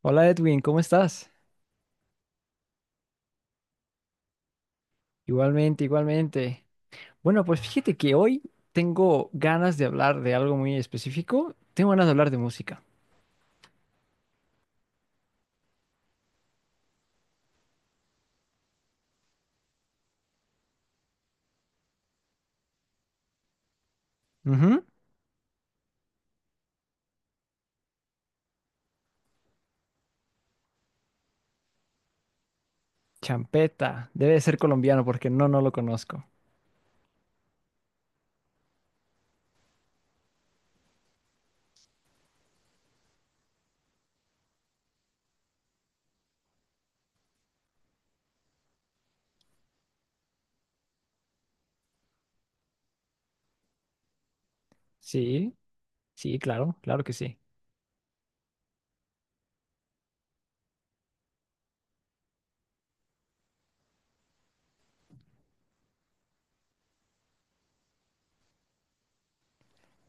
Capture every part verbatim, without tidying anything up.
Hola Edwin, ¿cómo estás? Igualmente, igualmente. Bueno, pues fíjate que hoy tengo ganas de hablar de algo muy específico. Tengo ganas de hablar de música. Ujú. Champeta. Debe de ser colombiano porque no, no lo conozco. Sí, sí, claro, claro que sí.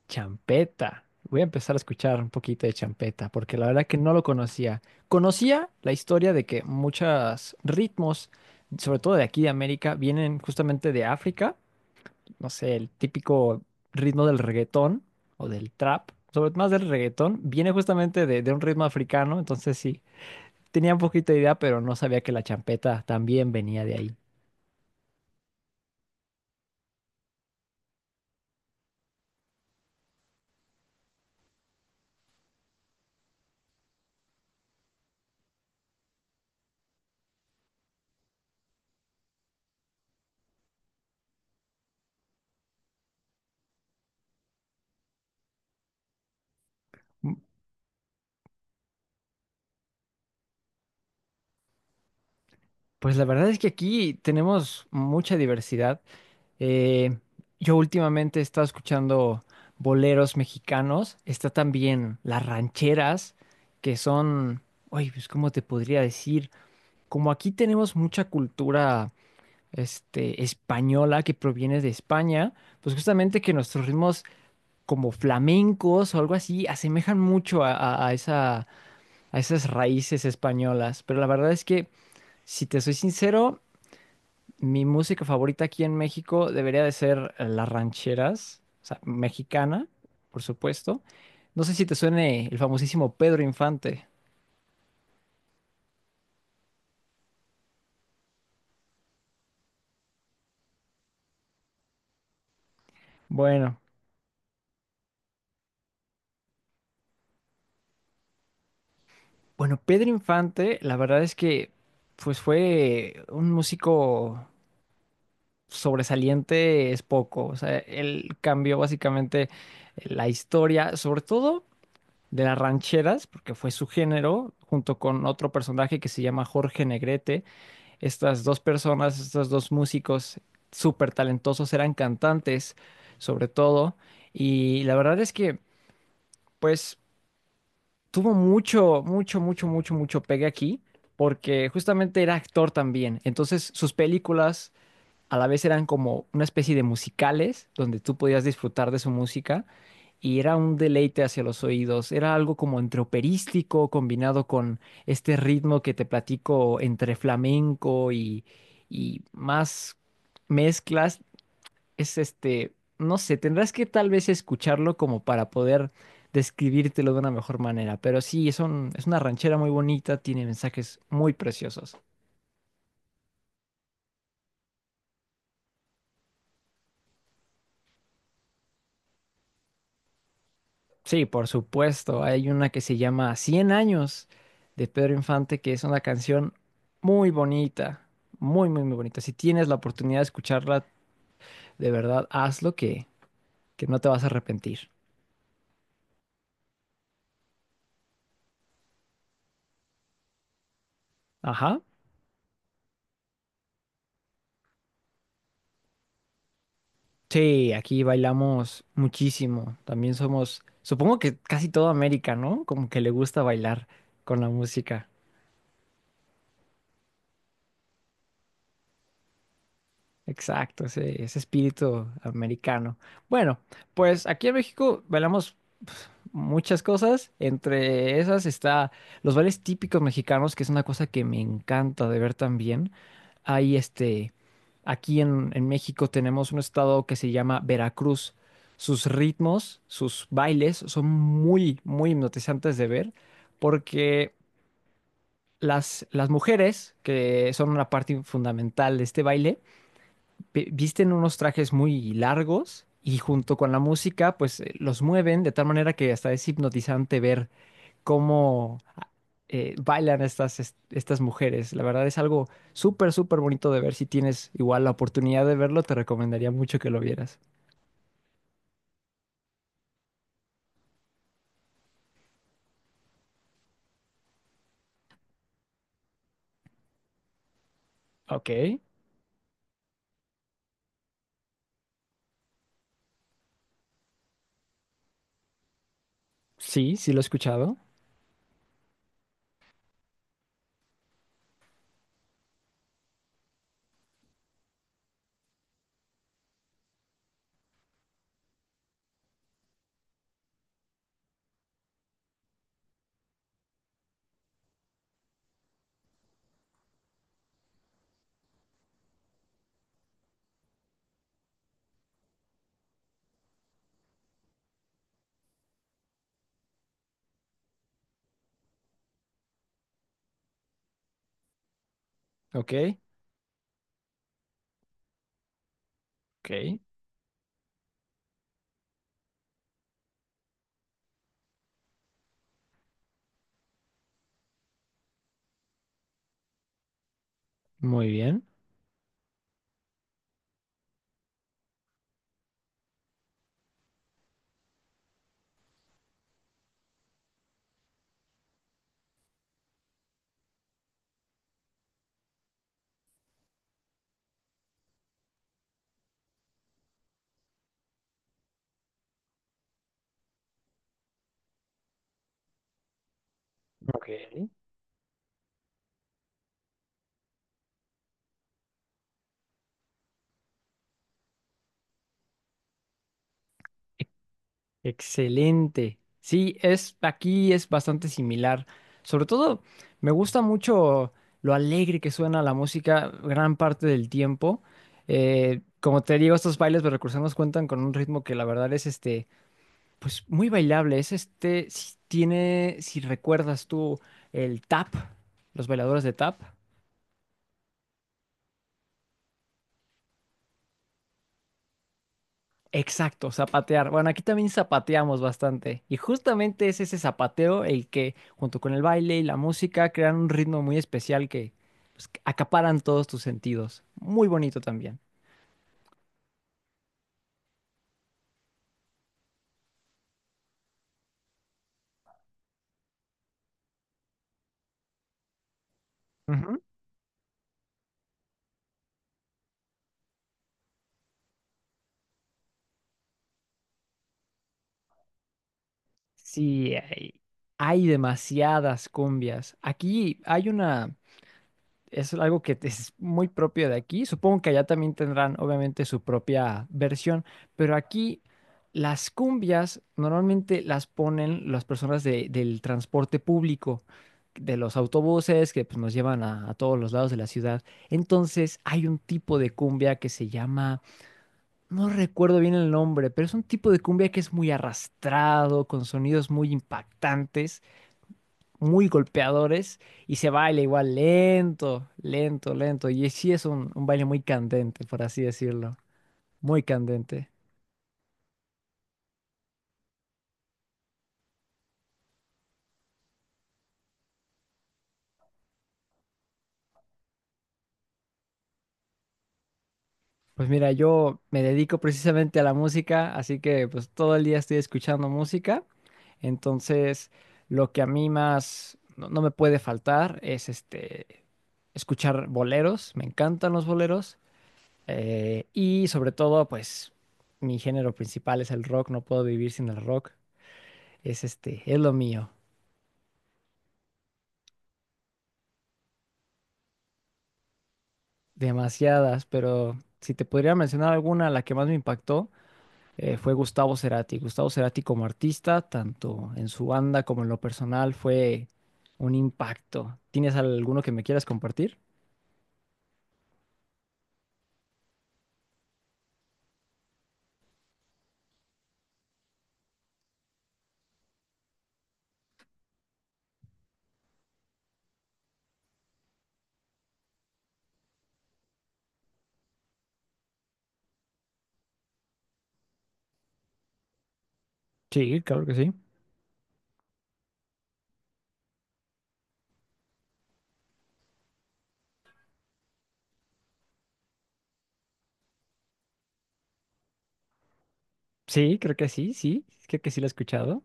Champeta. Voy a empezar a escuchar un poquito de champeta porque la verdad que no lo conocía. Conocía la historia de que muchos ritmos, sobre todo de aquí de América, vienen justamente de África, no sé, el típico ritmo del reggaetón o del trap, sobre todo más del reggaetón, viene justamente de, de un ritmo africano. Entonces sí, tenía un poquito de idea, pero no sabía que la champeta también venía de ahí. Mm, pues la verdad es que aquí tenemos mucha diversidad. Eh, yo últimamente he estado escuchando boleros mexicanos, está también las rancheras, que son, oye, pues ¿cómo te podría decir? Como aquí tenemos mucha cultura este, española, que proviene de España, pues justamente que nuestros ritmos como flamencos o algo así asemejan mucho a, a- a esa, a esas raíces españolas. Pero la verdad es que, si te soy sincero, mi música favorita aquí en México debería de ser eh, las rancheras, o sea, mexicana, por supuesto. No sé si te suene el famosísimo Pedro Infante. Bueno, bueno, Pedro Infante, la verdad es que pues fue un músico sobresaliente es poco. O sea, él cambió básicamente la historia, sobre todo de las rancheras, porque fue su género, junto con otro personaje que se llama Jorge Negrete. Estas dos personas, estos dos músicos súper talentosos, eran cantantes, sobre todo. Y la verdad es que, pues, tuvo mucho, mucho, mucho, mucho, mucho pegue aquí. Porque justamente era actor también. Entonces, sus películas a la vez eran como una especie de musicales donde tú podías disfrutar de su música y era un deleite hacia los oídos. Era algo como entre operístico combinado con este ritmo que te platico, entre flamenco y, y más mezclas. Es este, no sé, tendrás que tal vez escucharlo como para poder describírtelo de una mejor manera. Pero sí, es un- es una ranchera muy bonita, tiene mensajes muy preciosos. Sí, por supuesto. Hay una que se llama Cien años de Pedro Infante, que es una canción muy bonita, muy, muy, muy bonita. Si tienes la oportunidad de escucharla, de verdad, hazlo, que, que no te vas a arrepentir. Ajá. Sí, aquí bailamos muchísimo. También somos, supongo que casi toda América, ¿no? Como que le gusta bailar con la música. Exacto, ese, ese espíritu americano. Bueno, pues aquí en México bailamos muchas cosas. Entre esas está los bailes típicos mexicanos, que es una cosa que me encanta de ver también. Hay este, aquí en, en México tenemos un estado que se llama Veracruz. Sus ritmos, sus bailes son muy, muy hipnotizantes de ver, porque las, las mujeres, que son una parte fundamental de este baile, vi- visten unos trajes muy largos y junto con la música, pues eh, los mueven de tal manera que hasta es hipnotizante ver cómo eh, bailan estas, est- estas mujeres. La verdad es algo súper, súper bonito de ver. Si tienes igual la oportunidad de verlo, te recomendaría mucho que lo vieras. Ok. Sí, sí lo he escuchado. Ok, ok. Muy bien. Ok. E- Excelente. Sí, es aquí es bastante similar. Sobre todo, me gusta mucho lo alegre que suena la música gran parte del tiempo. Eh, como te digo, estos bailes de recursos nos cuentan con un ritmo que la verdad es este. Pues muy bailable, es este, si tiene, si recuerdas tú el tap, los bailadores de tap. Exacto, zapatear. Bueno, aquí también zapateamos bastante. Y justamente es ese zapateo el que, junto con el baile y la música, crean un ritmo muy especial que pues, que acaparan todos tus sentidos. Muy bonito también. Ujú. Sí, hay, hay demasiadas cumbias. Aquí hay una. Es algo que es muy propio de aquí. Supongo que allá también tendrán, obviamente, su propia versión, pero aquí las cumbias normalmente las ponen las personas de- del transporte público, de los autobuses que pues, nos llevan a, a todos los lados de la ciudad. Entonces hay un tipo de cumbia que se llama, no recuerdo bien el nombre, pero es un tipo de cumbia que es muy arrastrado, con sonidos muy impactantes, muy golpeadores y se baila igual lento, lento, lento. Y sí es un, un baile muy candente, por así decirlo. Muy candente. Pues mira, yo me dedico precisamente a la música, así que pues todo el día estoy escuchando música. Entonces, lo que a mí más no, no me puede faltar es este escuchar boleros. Me encantan los boleros. Eh, y sobre todo, pues mi género principal es el rock. No puedo vivir sin el rock. Es este, es lo mío. Demasiadas, pero si te podría mencionar alguna, la que más me impactó, eh, fue Gustavo Cerati. Gustavo Cerati como artista, tanto en su banda como en lo personal, fue un impacto. ¿Tienes alguno que me quieras compartir? Sí, claro que sí. Sí, creo que sí, sí, creo que sí lo he escuchado.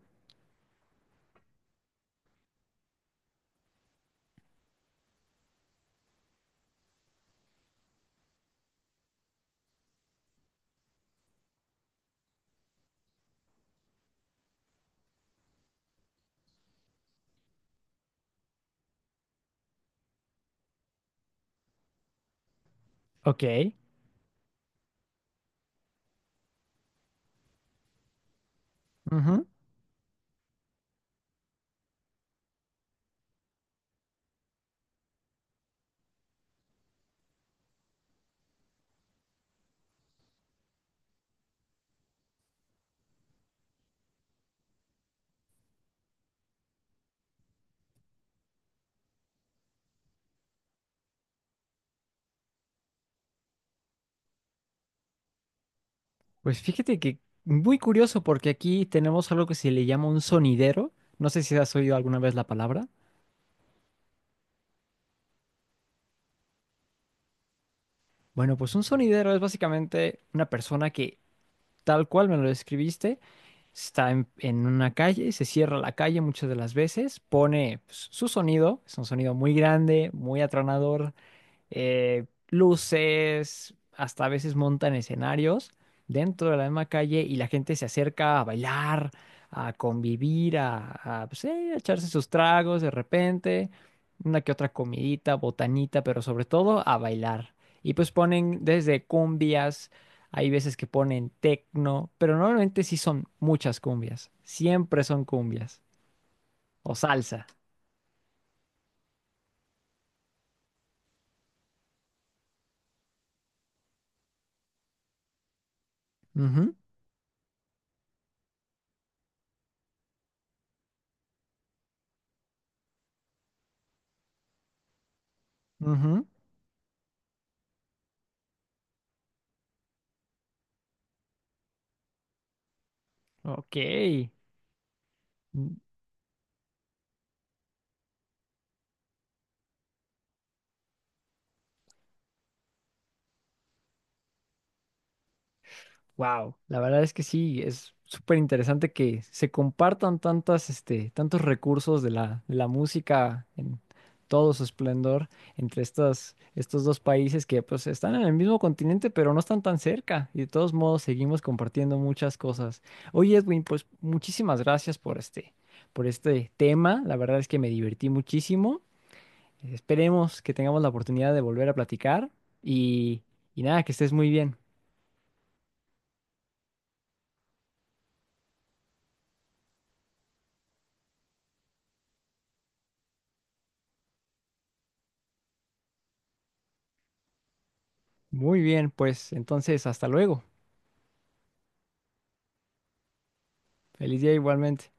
Ok. Ujú. Pues fíjate que muy curioso porque aquí tenemos algo que se le llama un sonidero. No sé si has oído alguna vez la palabra. Bueno, pues un sonidero es básicamente una persona que, tal cual me lo describiste, está en, en una calle, se cierra la calle muchas de las veces, pone pues, su sonido, es un sonido muy grande, muy atronador, eh, luces, hasta a veces montan escenarios dentro de la misma calle y la gente se acerca a bailar, a convivir, a, a, pues, sí, a echarse sus tragos de repente, una que otra comidita, botanita, pero sobre todo a bailar. Y pues ponen desde cumbias, hay veces que ponen tecno, pero normalmente sí son muchas cumbias, siempre son cumbias o salsa. Ujú, ujú. Ok. Wow, la verdad es que sí, es súper interesante que se compartan tantas, este, tantos recursos de la, de la música en todo su esplendor entre estas, estos dos países que pues están en el mismo continente, pero no están tan cerca y de todos modos seguimos compartiendo muchas cosas. Oye, Edwin, pues muchísimas gracias por este, por este tema. La verdad es que me divertí muchísimo. Esperemos que tengamos la oportunidad de volver a platicar y, y nada, que estés muy bien. Muy bien, pues entonces hasta luego. Feliz día igualmente.